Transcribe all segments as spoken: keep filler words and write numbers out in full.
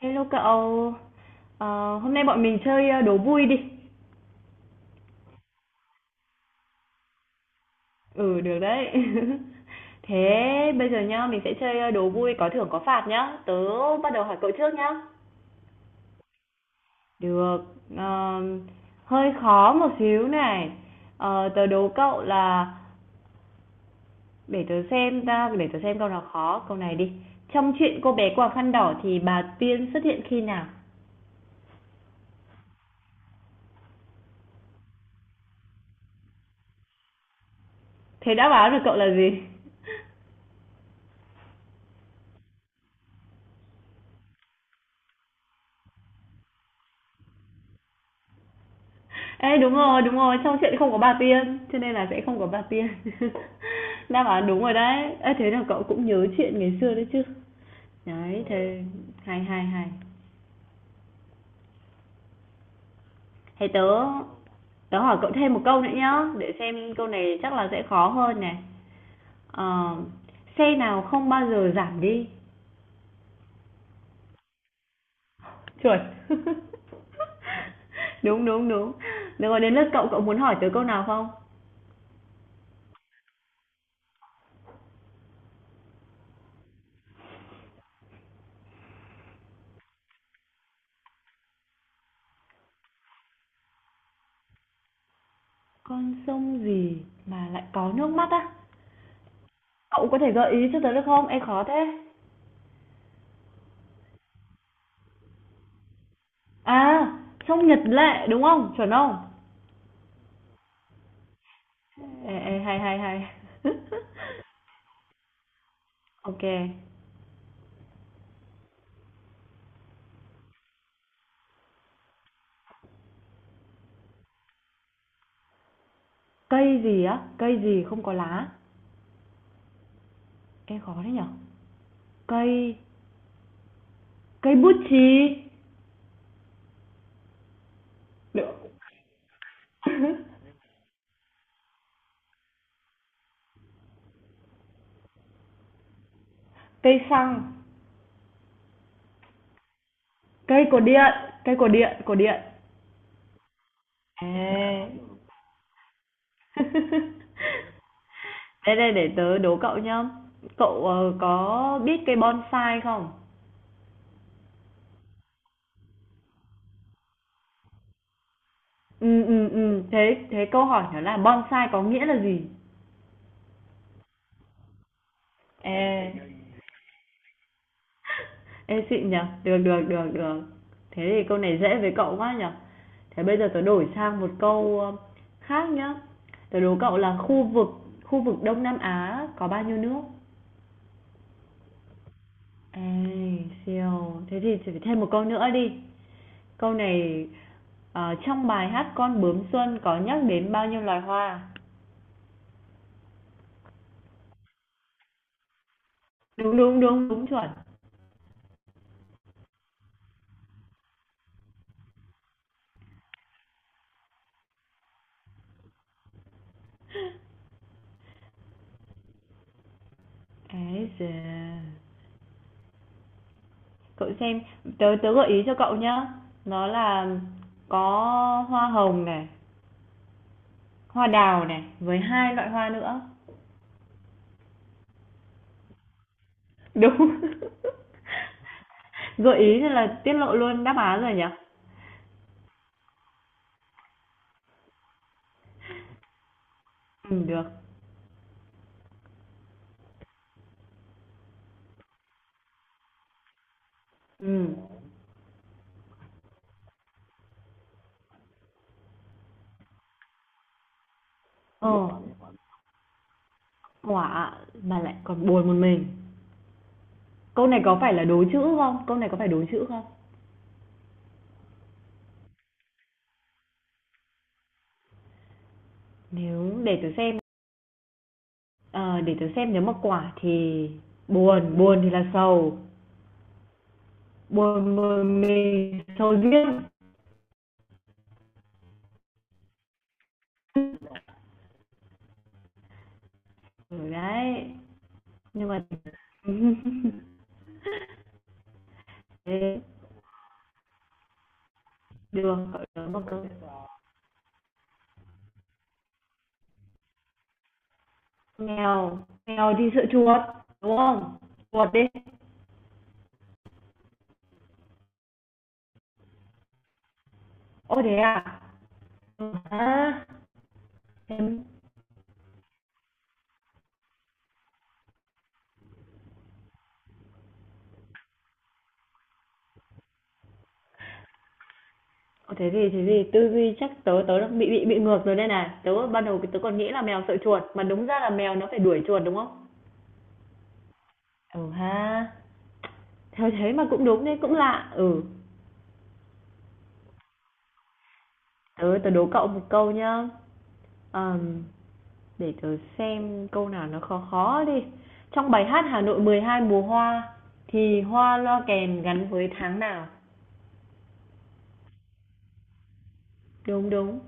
Hello cậu, ờ, hôm nay bọn mình chơi ờ, đố vui đi. Ừ, được đấy. Thế bây giờ nhá, mình sẽ chơi ờ, đố vui có thưởng có phạt nhá. Tớ bắt đầu hỏi cậu trước nhá. Được, ờ, hơi khó một xíu này. Ờ, tớ đố cậu là, để tớ xem ta, để tớ xem câu nào khó, câu này đi. Trong chuyện cô bé quàng khăn đỏ thì bà Tiên xuất hiện khi nào? Thế đã báo được cậu là gì? Ê, đúng rồi, đúng rồi, trong chuyện không có bà Tiên, cho nên là sẽ không có bà Tiên. Đáp án đúng rồi đấy. Ê, thế là cậu cũng nhớ chuyện ngày xưa đấy chứ. Đấy, thế hay hay hay. Thế tớ tớ hỏi cậu thêm một câu nữa nhá, để xem câu này chắc là sẽ khó hơn này. Ờ, Xe nào không bao giờ giảm đi? Chuẩn. Đúng, đúng, đúng. Được rồi, đến lượt cậu, cậu muốn hỏi tớ câu nào không? Con sông gì mà lại có nước mắt á? Cậu có thể gợi ý cho tớ được không? Ê, khó thế. À, trong Nhật Lệ, đúng không? Chuẩn không? Ê, ê, hay, hay, hay. Ok. Cây gì á? Cây gì không có lá? Ê, khó thế nhở? Cây cây bút chì. Đ Cây xăng, cây cột điện, cây cột điện, cột điện. Ê. Đây, đây, để tớ đố cậu nhá. Cậu, ờ, có biết cây bonsai không? Ừ ừ ừ. thế thế câu hỏi nó là bonsai có nghĩa là gì? Ê. Ê, xịn nhỉ? Được, được, được, được. Thế thì câu này dễ với cậu quá nhở. Thế bây giờ tớ đổi sang một câu, ơ, khác nhá. Tớ đố cậu là khu vực khu vực Đông Nam Á có bao nhiêu nước? Ê, siêu. Thế thì chỉ phải thêm một câu nữa đi. Câu này, ờ, trong bài hát Con bướm xuân có nhắc đến bao nhiêu loài hoa? Đúng, đúng, đúng, đúng chuẩn. Ê giời. Cậu xem, tớ tớ gợi ý cho cậu nhá. Nó là có hoa hồng này, hoa đào này, với hai loại hoa nữa. Đúng. Gợi ý thì là tiết lộ luôn đáp án rồi nhỉ? Ừm, được. Ừm. Ờ, Quả mà lại còn buồn một mình. Câu này có phải là đố chữ không? Câu này có phải đố chữ không? Nếu để tớ xem, ờ, để tớ xem nếu mà quả thì buồn, buồn thì là sầu, buồn một mình sầu riêng. Ừ, đấy, nhưng mà thế, được, cậu đố một câu. Mèo mèo đi sợ chuột đúng không? Chuột đi. Ô, thế à. Ừ, ha. Thế, ô, thế gì thế gì tư duy chắc tớ tớ đang bị bị bị ngược rồi đây này. Tớ ban đầu tớ còn nghĩ là mèo sợ chuột mà đúng ra là mèo nó phải đuổi chuột đúng không? Ừ ha, theo thế mà cũng đúng đấy, cũng lạ. Ừ, tớ tớ đố cậu một câu nhá. Ờm, để tớ xem câu nào nó khó khó đi. Trong bài hát Hà Nội mười hai mùa hoa thì hoa loa kèn gắn với tháng nào? Đúng đúng.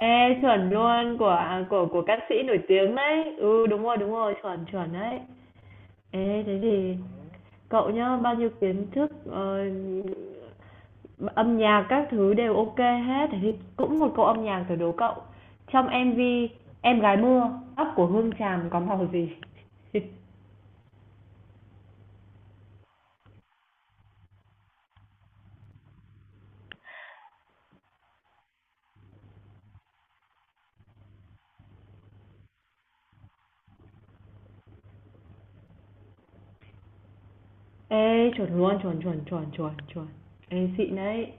Ê chuẩn luôn, của của của ca sĩ nổi tiếng đấy. Ừ đúng rồi, đúng rồi, chuẩn chuẩn đấy. Ê thế thì cậu nhá, bao nhiêu kiến thức ờ, âm nhạc các thứ đều ok hết. Thế thì cũng một câu âm nhạc thử đố cậu. Trong em vi Em gái mưa, tóc của Hương Tràm có màu gì? Ê chuẩn luôn, chuẩn chuẩn chuẩn chuẩn chuẩn. Ê xịn đấy.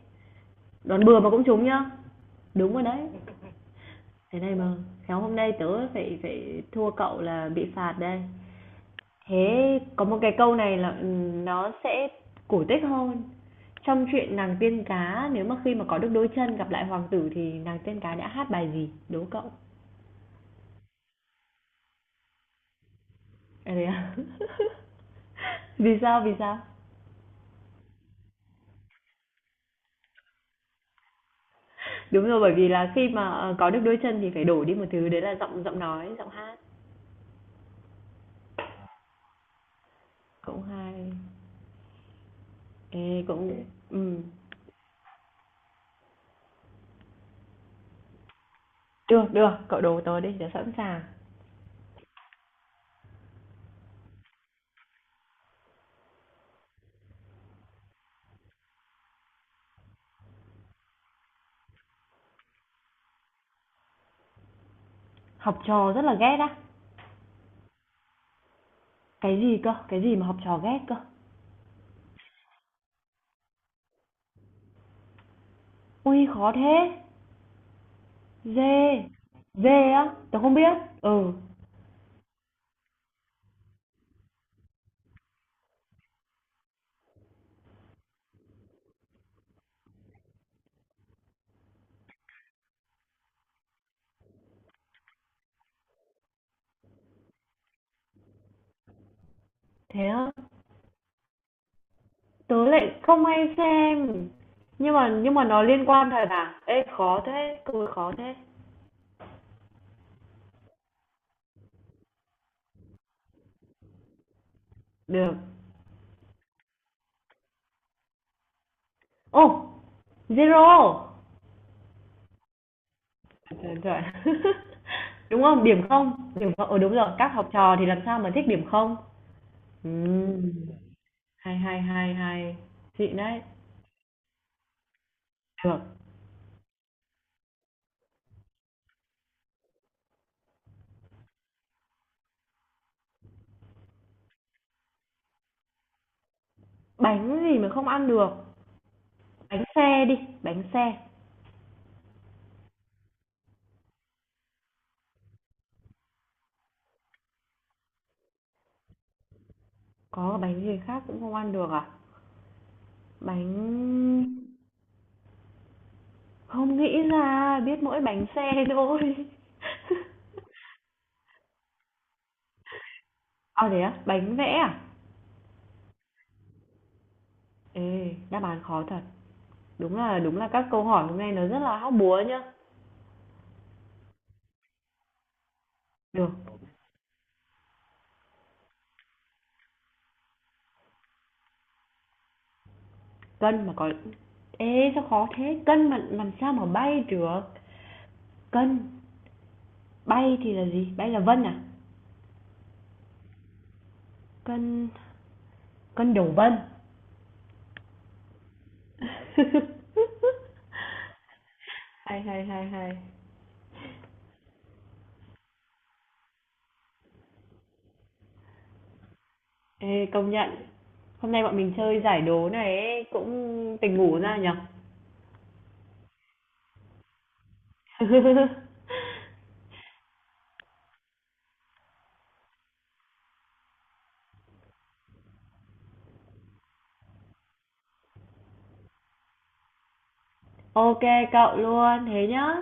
Đoán bừa mà cũng trúng nhá. Đúng rồi đấy. Thế này mà khéo hôm nay tớ phải phải thua cậu là bị phạt đây. Thế có một cái câu này là, ừm, nó sẽ cổ tích hơn. Trong chuyện nàng tiên cá, nếu mà khi mà có được đôi chân gặp lại hoàng tử thì nàng tiên cá đã hát bài gì? Đố cậu. À, thế à? Vì sao, vì sao? Đúng rồi, bởi vì là khi mà, ờ, có được đôi chân thì phải đổi đi một thứ, đấy là giọng giọng nói, giọng hát. Cũng hay. Ê, cũng. Ừm. Được, được, cậu đố tớ đi, tớ sẵn sàng. Học trò rất là ghét á. Cái gì cơ? Cái gì mà học trò ghét cơ? Ui, khó thế. Dê, dê á, tớ không biết. Ừ, thế á, tớ lại không hay xem. Nhưng mà nhưng mà nó liên quan thật à? Ê khó thế, cười khó thế. Được. Ô, zero. Trời trời. Đúng không? Điểm không? Điểm không? Ừ đúng rồi, các học trò thì làm sao mà thích điểm không? Ừm, hay hay hay hay. Xịn đấy. Được. Bánh gì mà không ăn được? Bánh xe đi, bánh xe. Có bánh gì khác cũng không ăn được à? Bánh Không nghĩ ra, biết mỗi bánh xe thôi. À, thế á? Bánh vẽ à? Ê, đáp án khó thật. Đúng là đúng là các câu hỏi hôm nay nó rất là hóc búa nhá. Được, cân mà có Ê, sao khó thế? Cân mà làm sao mà bay được? Cân, bay thì là gì? Bay là vân à? Cân cân đổ vân. Hay, hay, hay, hay. Ê, công nhận. Hôm nay bọn mình chơi giải đố này ấy, cũng tỉnh ngủ ra nhỉ? OK cậu luôn thế nhá